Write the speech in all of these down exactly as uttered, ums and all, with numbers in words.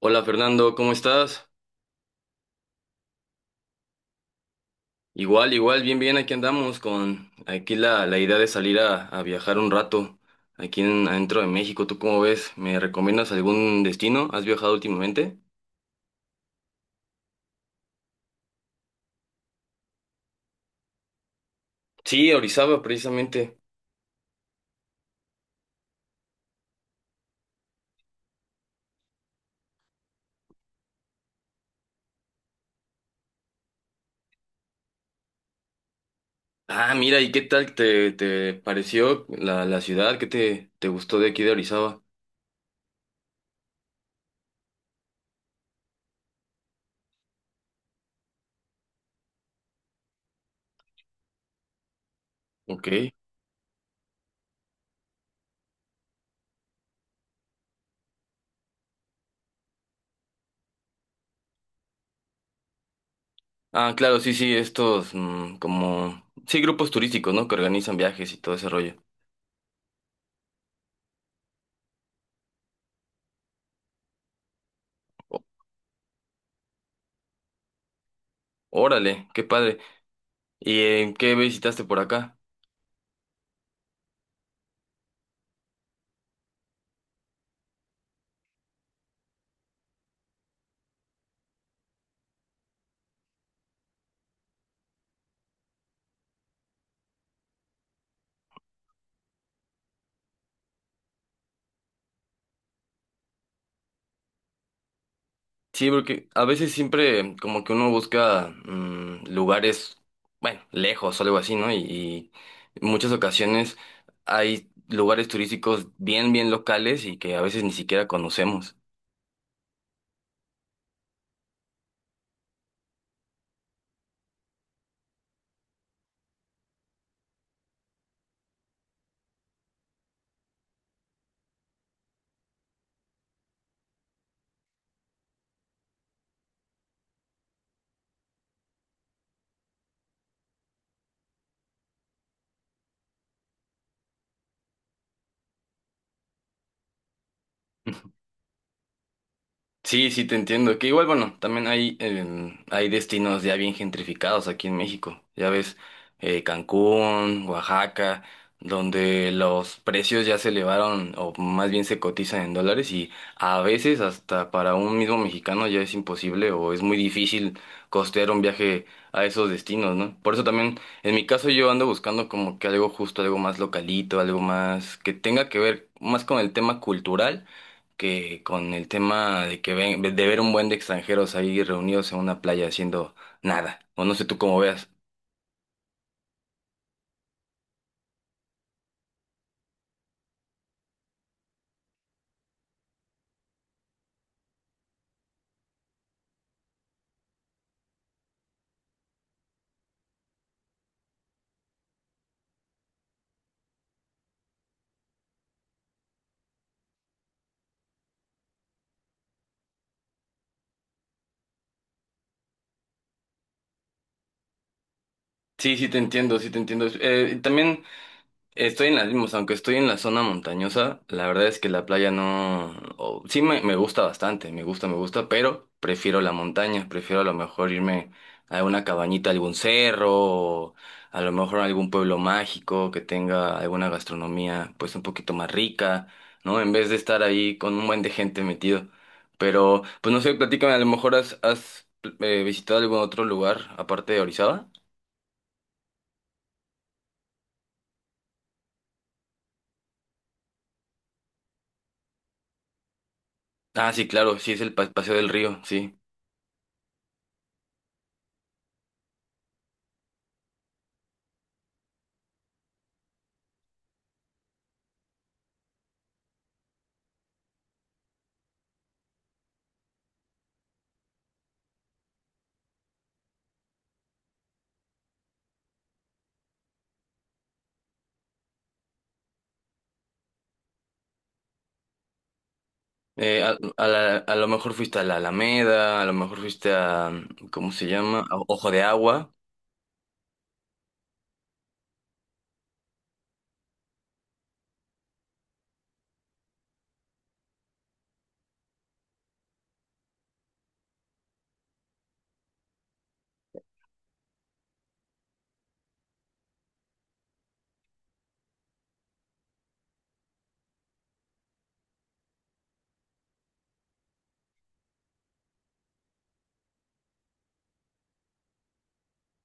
Hola Fernando, ¿cómo estás? Igual, igual, bien, bien, aquí andamos con aquí la, la idea de salir a, a viajar un rato aquí en, adentro de México. ¿Tú cómo ves? ¿Me recomiendas algún destino? ¿Has viajado últimamente? Sí, a Orizaba precisamente. Ah, mira, ¿y qué tal te, te pareció la, la ciudad? ¿Qué te, te gustó de aquí de Orizaba? Ok. Ah, claro, sí, sí, estos mm, como... Sí, grupos turísticos, ¿no? Que organizan viajes y todo ese rollo. Órale, qué padre. ¿Y eh, qué visitaste por acá? Sí, porque a veces siempre como que uno busca mm, lugares, bueno, lejos o algo así, ¿no? Y, y en muchas ocasiones hay lugares turísticos bien, bien locales y que a veces ni siquiera conocemos. Sí, sí, te entiendo. Que igual, bueno, también hay, em, hay destinos ya bien gentrificados aquí en México. Ya ves, eh, Cancún, Oaxaca, donde los precios ya se elevaron, o más bien se cotizan en dólares, y a veces hasta para un mismo mexicano ya es imposible o es muy difícil costear un viaje a esos destinos, ¿no? Por eso también, en mi caso, yo ando buscando como que algo justo, algo más localito, algo más que tenga que ver más con el tema cultural que con el tema de que ven, de ver un buen de extranjeros ahí reunidos en una playa haciendo nada. O no sé tú cómo veas. Sí, sí te entiendo, sí te entiendo. Eh, también estoy en las mismas, aunque estoy en la zona montañosa, la verdad es que la playa no... o- sí me, me gusta bastante, me gusta, me gusta, pero prefiero la montaña, prefiero a lo mejor irme a una cabañita, a algún cerro, o a lo mejor a algún pueblo mágico que tenga alguna gastronomía pues un poquito más rica, ¿no? En vez de estar ahí con un buen de gente metido. Pero, pues no sé, platícame, a lo mejor has, has eh, visitado algún otro lugar aparte de Orizaba. Ah, sí, claro, sí, es el pa- Paseo del Río, sí. Eh, a, a la- a lo mejor fuiste a la Alameda, a lo mejor fuiste a, ¿cómo se llama? A Ojo de Agua.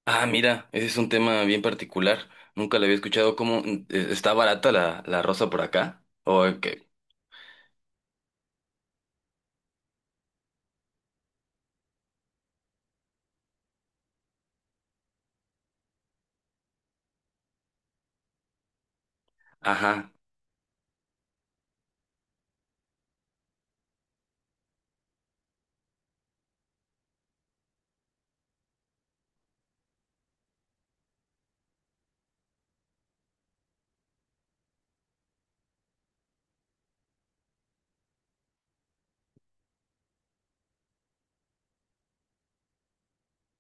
Ah, mira, ese es un tema bien particular. Nunca lo había escuchado. ¿Cómo eh, está barata la, la rosa por acá? O qué ajá,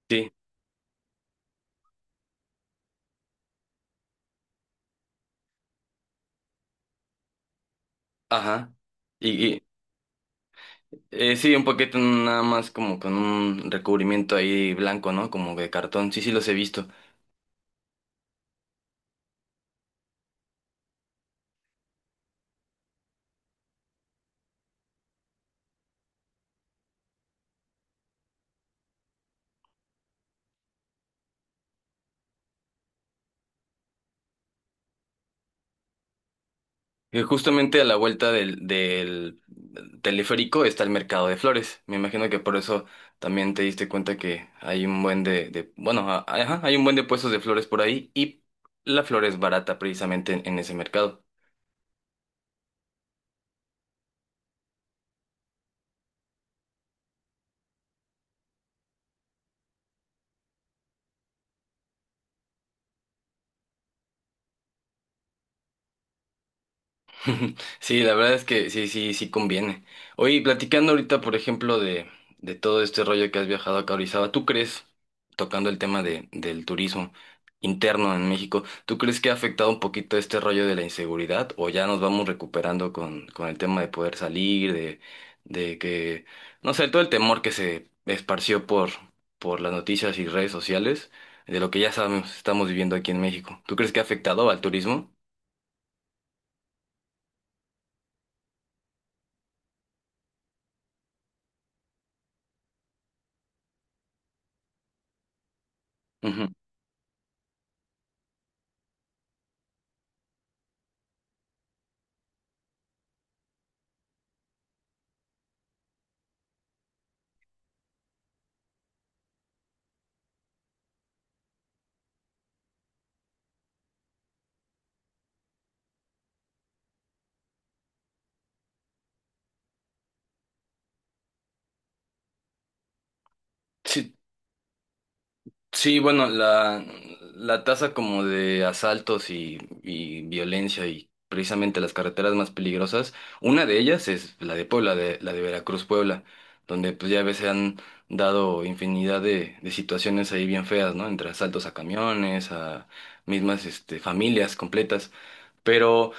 sí, ajá. Y, y, eh, sí, un paquete nada más como con un recubrimiento ahí blanco, ¿no? Como de cartón. Sí, sí, los he visto. Eh, Justamente a la vuelta del, del teleférico está el mercado de flores. Me imagino que por eso también te diste cuenta que hay un buen de, de- bueno, a- ajá, hay un buen de puestos de flores por ahí y la flor es barata precisamente en, en ese mercado. Sí, la verdad es que sí, sí, sí conviene. Oye, y platicando ahorita, por ejemplo, de, de todo este rollo que has viajado acá a Orizaba, ¿tú crees, tocando el tema de, del turismo interno en México, ¿tú crees que ha afectado un poquito este rollo de la inseguridad o ya nos vamos recuperando con, con el tema de poder salir, de, de que, no sé, todo el temor que se esparció por, por las noticias y redes sociales, de lo que ya sabemos, estamos viviendo aquí en México? ¿Tú crees que ha afectado al turismo? Ujú. Sí, sí, bueno, la, la tasa como de asaltos y, y violencia y precisamente las carreteras más peligrosas, una de ellas es la de Puebla, de, la de Veracruz, Puebla, donde pues ya ves se han dado infinidad de, de situaciones ahí bien feas, ¿no? Entre asaltos a camiones, a mismas este, familias completas. Pero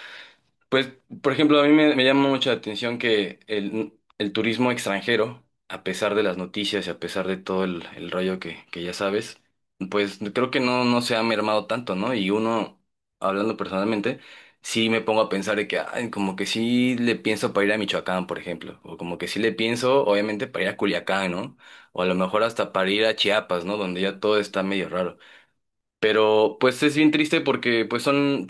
pues, por ejemplo, a mí me, me llama mucho la atención que el, el turismo extranjero, a pesar de las noticias y a pesar de todo el, el rollo que, que ya sabes, pues creo que no, no se ha mermado tanto, ¿no? Y uno, hablando personalmente, sí me pongo a pensar de que, ay, como que sí le pienso para ir a Michoacán, por ejemplo, o como que sí le pienso, obviamente, para ir a Culiacán, ¿no? O a lo mejor hasta para ir a Chiapas, ¿no? Donde ya todo está medio raro. Pero pues es bien triste porque pues son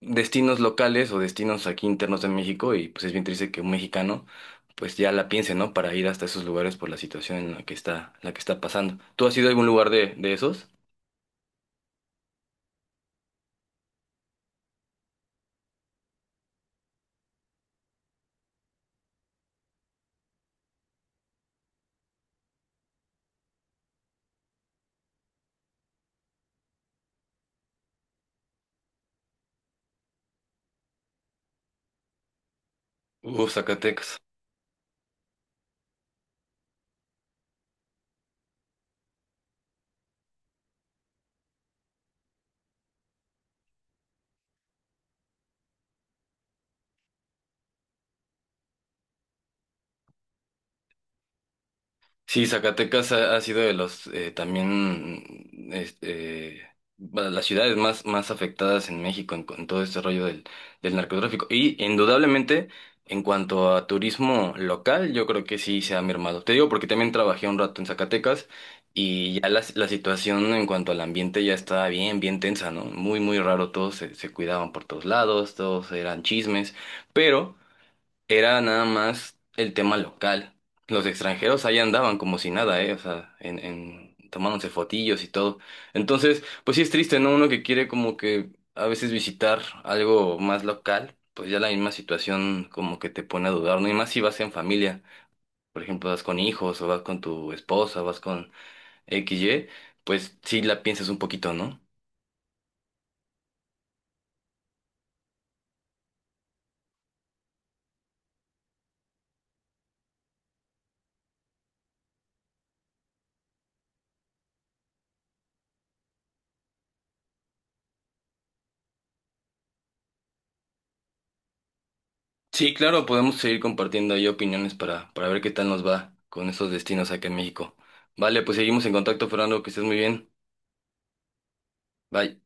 destinos locales o destinos aquí internos de México y pues es bien triste que un mexicano pues ya la piense, ¿no? Para ir hasta esos lugares por la situación en la que está, la que está pasando. ¿Tú has ido a algún lugar de, de esos? Uh, Zacatecas. Sí, Zacatecas ha, ha sido de los eh, también este, bueno, las ciudades más, más afectadas en México en, con todo este rollo del, del narcotráfico. Y indudablemente, en cuanto a turismo local, yo creo que sí se ha mermado. Te digo porque también trabajé un rato en Zacatecas y ya la, la situación en cuanto al ambiente ya estaba bien, bien tensa, ¿no? Muy, muy raro, todos se, se cuidaban por todos lados, todos eran chismes, pero... Era nada más el tema local. Los extranjeros ahí andaban como si nada, ¿eh? O sea, en, en tomándose fotillos y todo. Entonces, pues sí es triste, ¿no? Uno que quiere como que a veces visitar algo más local, pues ya la misma situación como que te pone a dudar, ¿no? Y más si vas en familia, por ejemplo, vas con hijos o vas con tu esposa, vas con X Y, pues sí la piensas un poquito, ¿no? Sí, claro, podemos seguir compartiendo ahí opiniones para, para ver qué tal nos va con esos destinos acá en México. Vale, pues seguimos en contacto, Fernando, que estés muy bien. Bye.